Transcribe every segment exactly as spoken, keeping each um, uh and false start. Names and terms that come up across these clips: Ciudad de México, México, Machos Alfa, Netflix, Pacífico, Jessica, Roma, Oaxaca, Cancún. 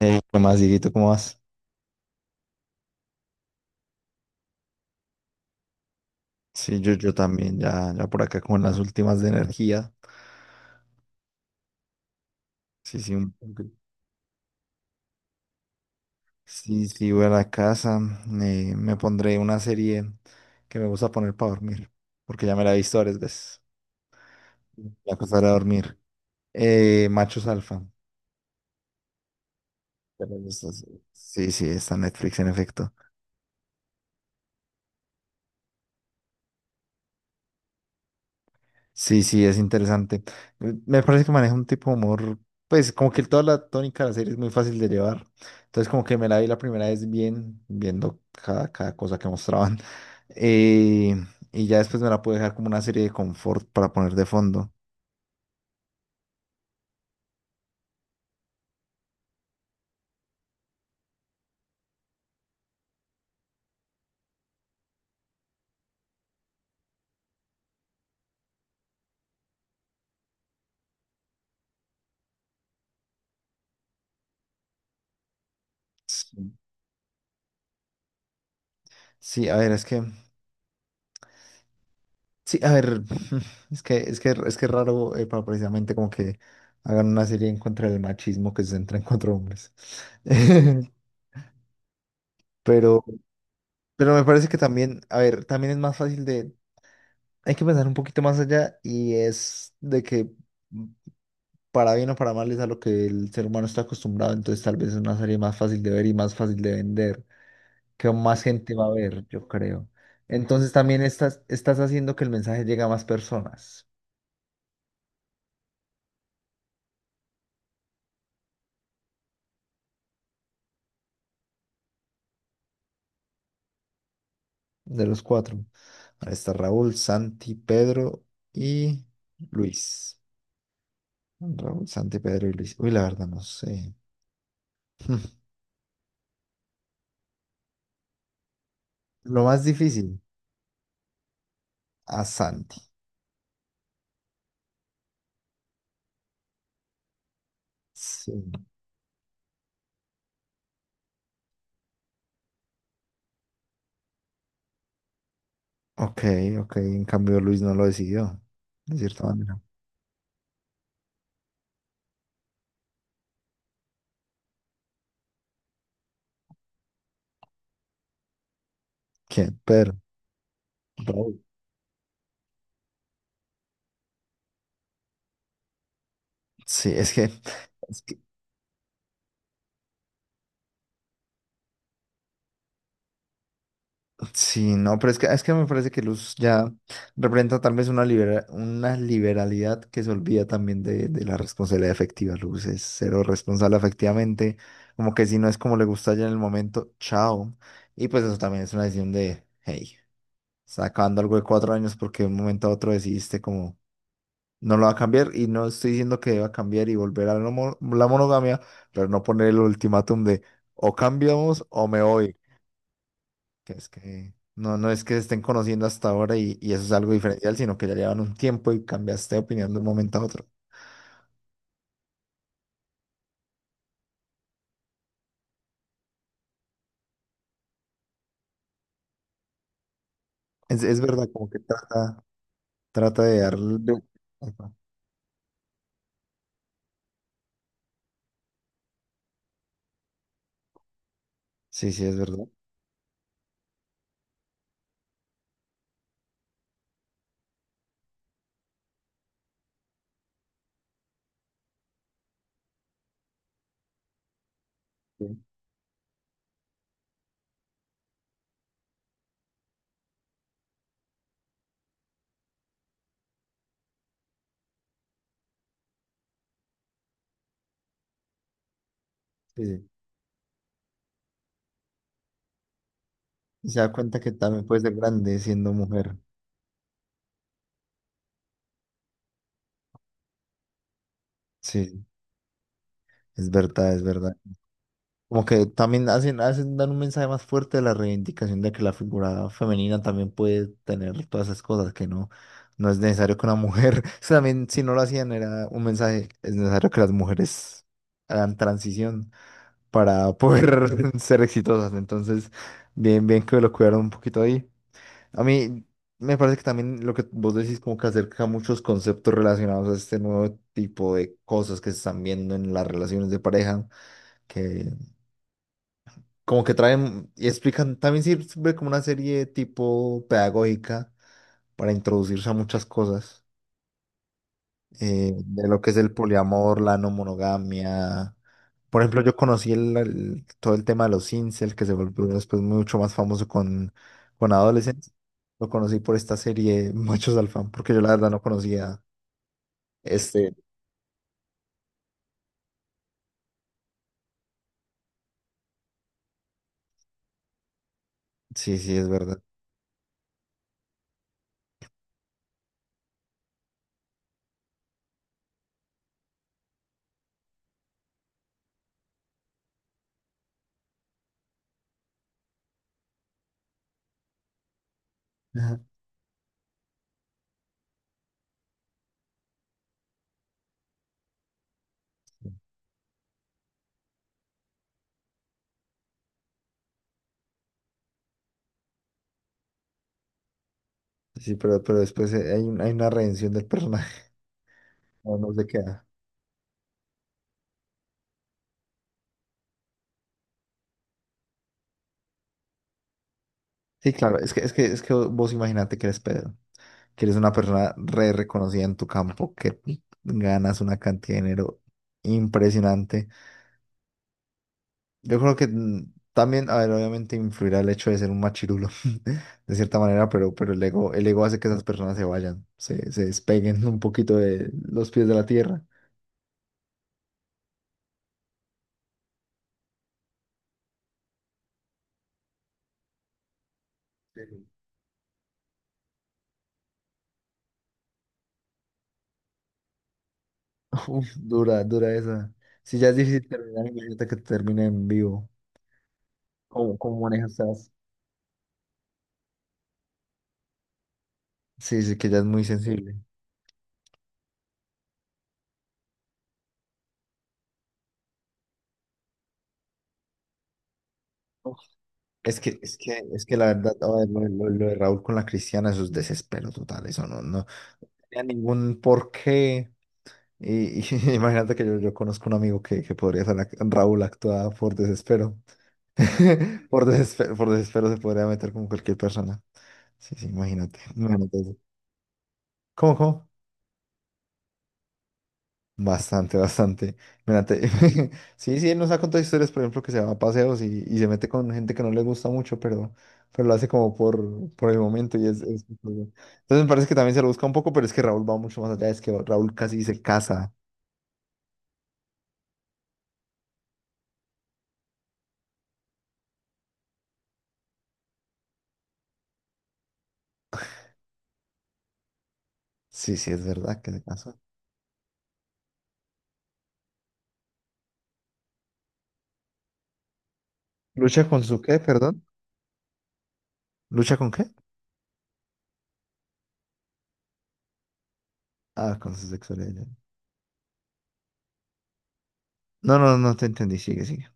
Eh, ¿qué más, Dieguito? ¿Cómo vas? Sí, yo, yo también, ya, ya por acá con las últimas de energía. Sí, sí, un- ok. Sí, sí, voy a la casa. Eh, me pondré una serie que me gusta poner para dormir, porque ya me la he visto varias veces. Me acostaré a dormir. Eh, Machos Alfa. Pero eso es- Sí, sí, está en Netflix en efecto. Sí, sí, es interesante. Eh, Me parece que maneja un tipo de humor, pues como que toda la tónica de la serie es muy fácil de llevar. Entonces como que me la vi la primera vez bien, viendo cada, cada cosa que mostraban. Eh, y ya después me la pude dejar como una serie de confort para poner de fondo. Sí, sí, a ver, es que, sí, a ver, es que es que es que es raro eh, para precisamente como que hagan una serie en contra del machismo que se centra en cuatro hombres. Pero, pero me parece que también, a ver, también es más fácil de, hay que pensar un poquito más allá y es de que mm, para bien o para mal es a lo que el ser humano está acostumbrado, entonces tal vez es una serie más fácil de ver y más fácil de vender, que más gente va a ver, yo creo. Entonces también estás, estás haciendo que el mensaje llegue a más personas, de los cuatro. Ahí está Raúl, Santi, Pedro y Luis. Raúl, Santi, Pedro y Luis. Uy, la verdad no sé. Lo más difícil, a Santi. Sí. Ok, ok. En cambio, Luis no lo decidió, de cierta manera. ¿Quién? Pedro. Raúl. Sí, es que, es que- sí, no, pero es que, es que me parece que Luz ya representa tal vez una, libera- una liberalidad que se olvida también de, de la responsabilidad efectiva. Luz es cero responsable efectivamente, como que si no es como le gusta ya en el momento, chao. Y pues eso también es una decisión de, hey, sacando algo de cuatro años porque de un momento a otro decidiste como... No lo va a cambiar y no estoy diciendo que deba cambiar y volver a la, mono- la monogamia, pero no poner el ultimátum de o cambiamos o me voy. Que es que no, no es que se estén conociendo hasta ahora y, y eso es algo diferencial, sino que ya llevan un tiempo y cambiaste de opinión de un momento a otro. Es, es verdad, como que trata, trata de darle. Ajá. Sí, sí, es verdad. Sí, sí, sí. Y se da cuenta que también puede ser grande siendo mujer. Sí, es verdad, es verdad. Como que también hacen, hacen, dan un mensaje más fuerte de la reivindicación de que la figura femenina también puede tener todas esas cosas, que no, no es necesario que una mujer, eso también si no lo hacían era un mensaje, es necesario que las mujeres hagan transición para poder ser exitosas. Entonces, bien, bien que lo cuidaron un poquito ahí. A mí me parece que también lo que vos decís como que acerca muchos conceptos relacionados a este nuevo tipo de cosas que se están viendo en las relaciones de pareja que como que traen y explican, también sirve como una serie tipo pedagógica para introducirse a muchas cosas eh, de lo que es el poliamor, la no monogamia. Por ejemplo, yo conocí el, el- todo el tema de los incel, que se volvió después mucho más famoso con, con adolescentes. Lo conocí por esta serie Machos Alfán, porque yo la verdad no conocía este. Sí, sí, es verdad. Ajá. Sí, pero, pero después eh, hay, un- hay una redención del personaje. No, no se queda. Sí, claro, es que, es que, es que vos imagínate que eres Pedro, que eres una persona re reconocida en tu campo, que ganas una cantidad de dinero impresionante. Yo creo que mm, también, a ver, obviamente influirá el hecho de ser un machirulo, de cierta manera, pero, pero el ego, el ego hace que esas personas se vayan, se, se despeguen un poquito de los pies de la tierra. Sí. Uf, dura, dura esa. Si ya es difícil terminar, imagínate que termine en vivo. ¿Cómo, cómo manejas esas? Sí, sí, que ya es muy sensible. Es que, es que, es que la verdad, a ver, lo, lo- lo de Raúl con la Cristiana, eso es desespero total, eso no, no tenía ningún porqué. Y, y imagínate que yo, yo conozco un amigo que, que podría ser la- Raúl actuada por desespero. Por desespero, por desespero se podría meter con cualquier persona. Sí, sí, imagínate, imagínate eso. ¿Cómo, cómo? Bastante, bastante. Mira, te- Sí, sí, él nos ha contado historias, por ejemplo, que se va a paseos y, y se mete con gente que no le gusta mucho, pero, pero lo hace como por, por el momento y es, es- entonces me parece que también se lo busca un poco, pero es que Raúl va mucho más allá, es que Raúl casi se casa. Sí, sí, es verdad que se casa. ¿Lucha con su qué, perdón? ¿Lucha con qué? Ah, con su sexualidad. No, no, no te entendí, sigue, sigue.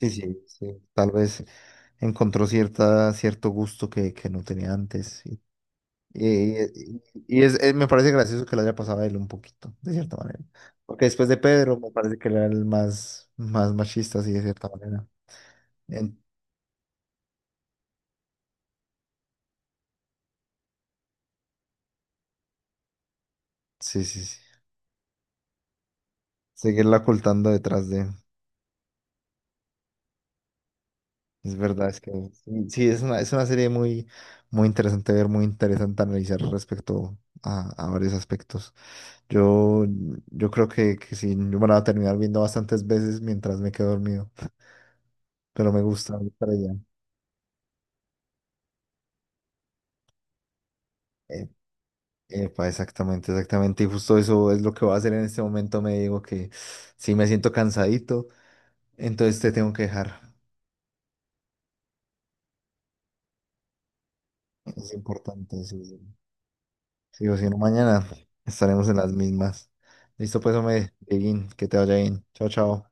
Sí, sí, sí. Tal vez encontró cierta, cierto gusto que, que no tenía antes. Y, y- y es, eh, me parece gracioso que lo haya pasado a él un poquito, de cierta manera. Porque después de Pedro, me parece que era el más, más machista, así de cierta manera. En- sí, sí, sí. Seguirla ocultando detrás de. Es verdad, es que sí, sí, es una, es una serie muy, muy interesante ver, muy interesante analizar respecto a, a varios aspectos. Yo, yo creo que, que sí, yo me la voy a terminar viendo bastantes veces mientras me quedo dormido, pero me gusta, me gusta la idea. Eh, Epa, exactamente, exactamente. Y justo eso es lo que voy a hacer en este momento. Me digo que si me siento cansadito, entonces te tengo que dejar. Es importante, sí. Sí. Sí o si no, mañana estaremos en las mismas. Listo, pues, hombre, Dieguín, que te vaya bien. Chao, chao.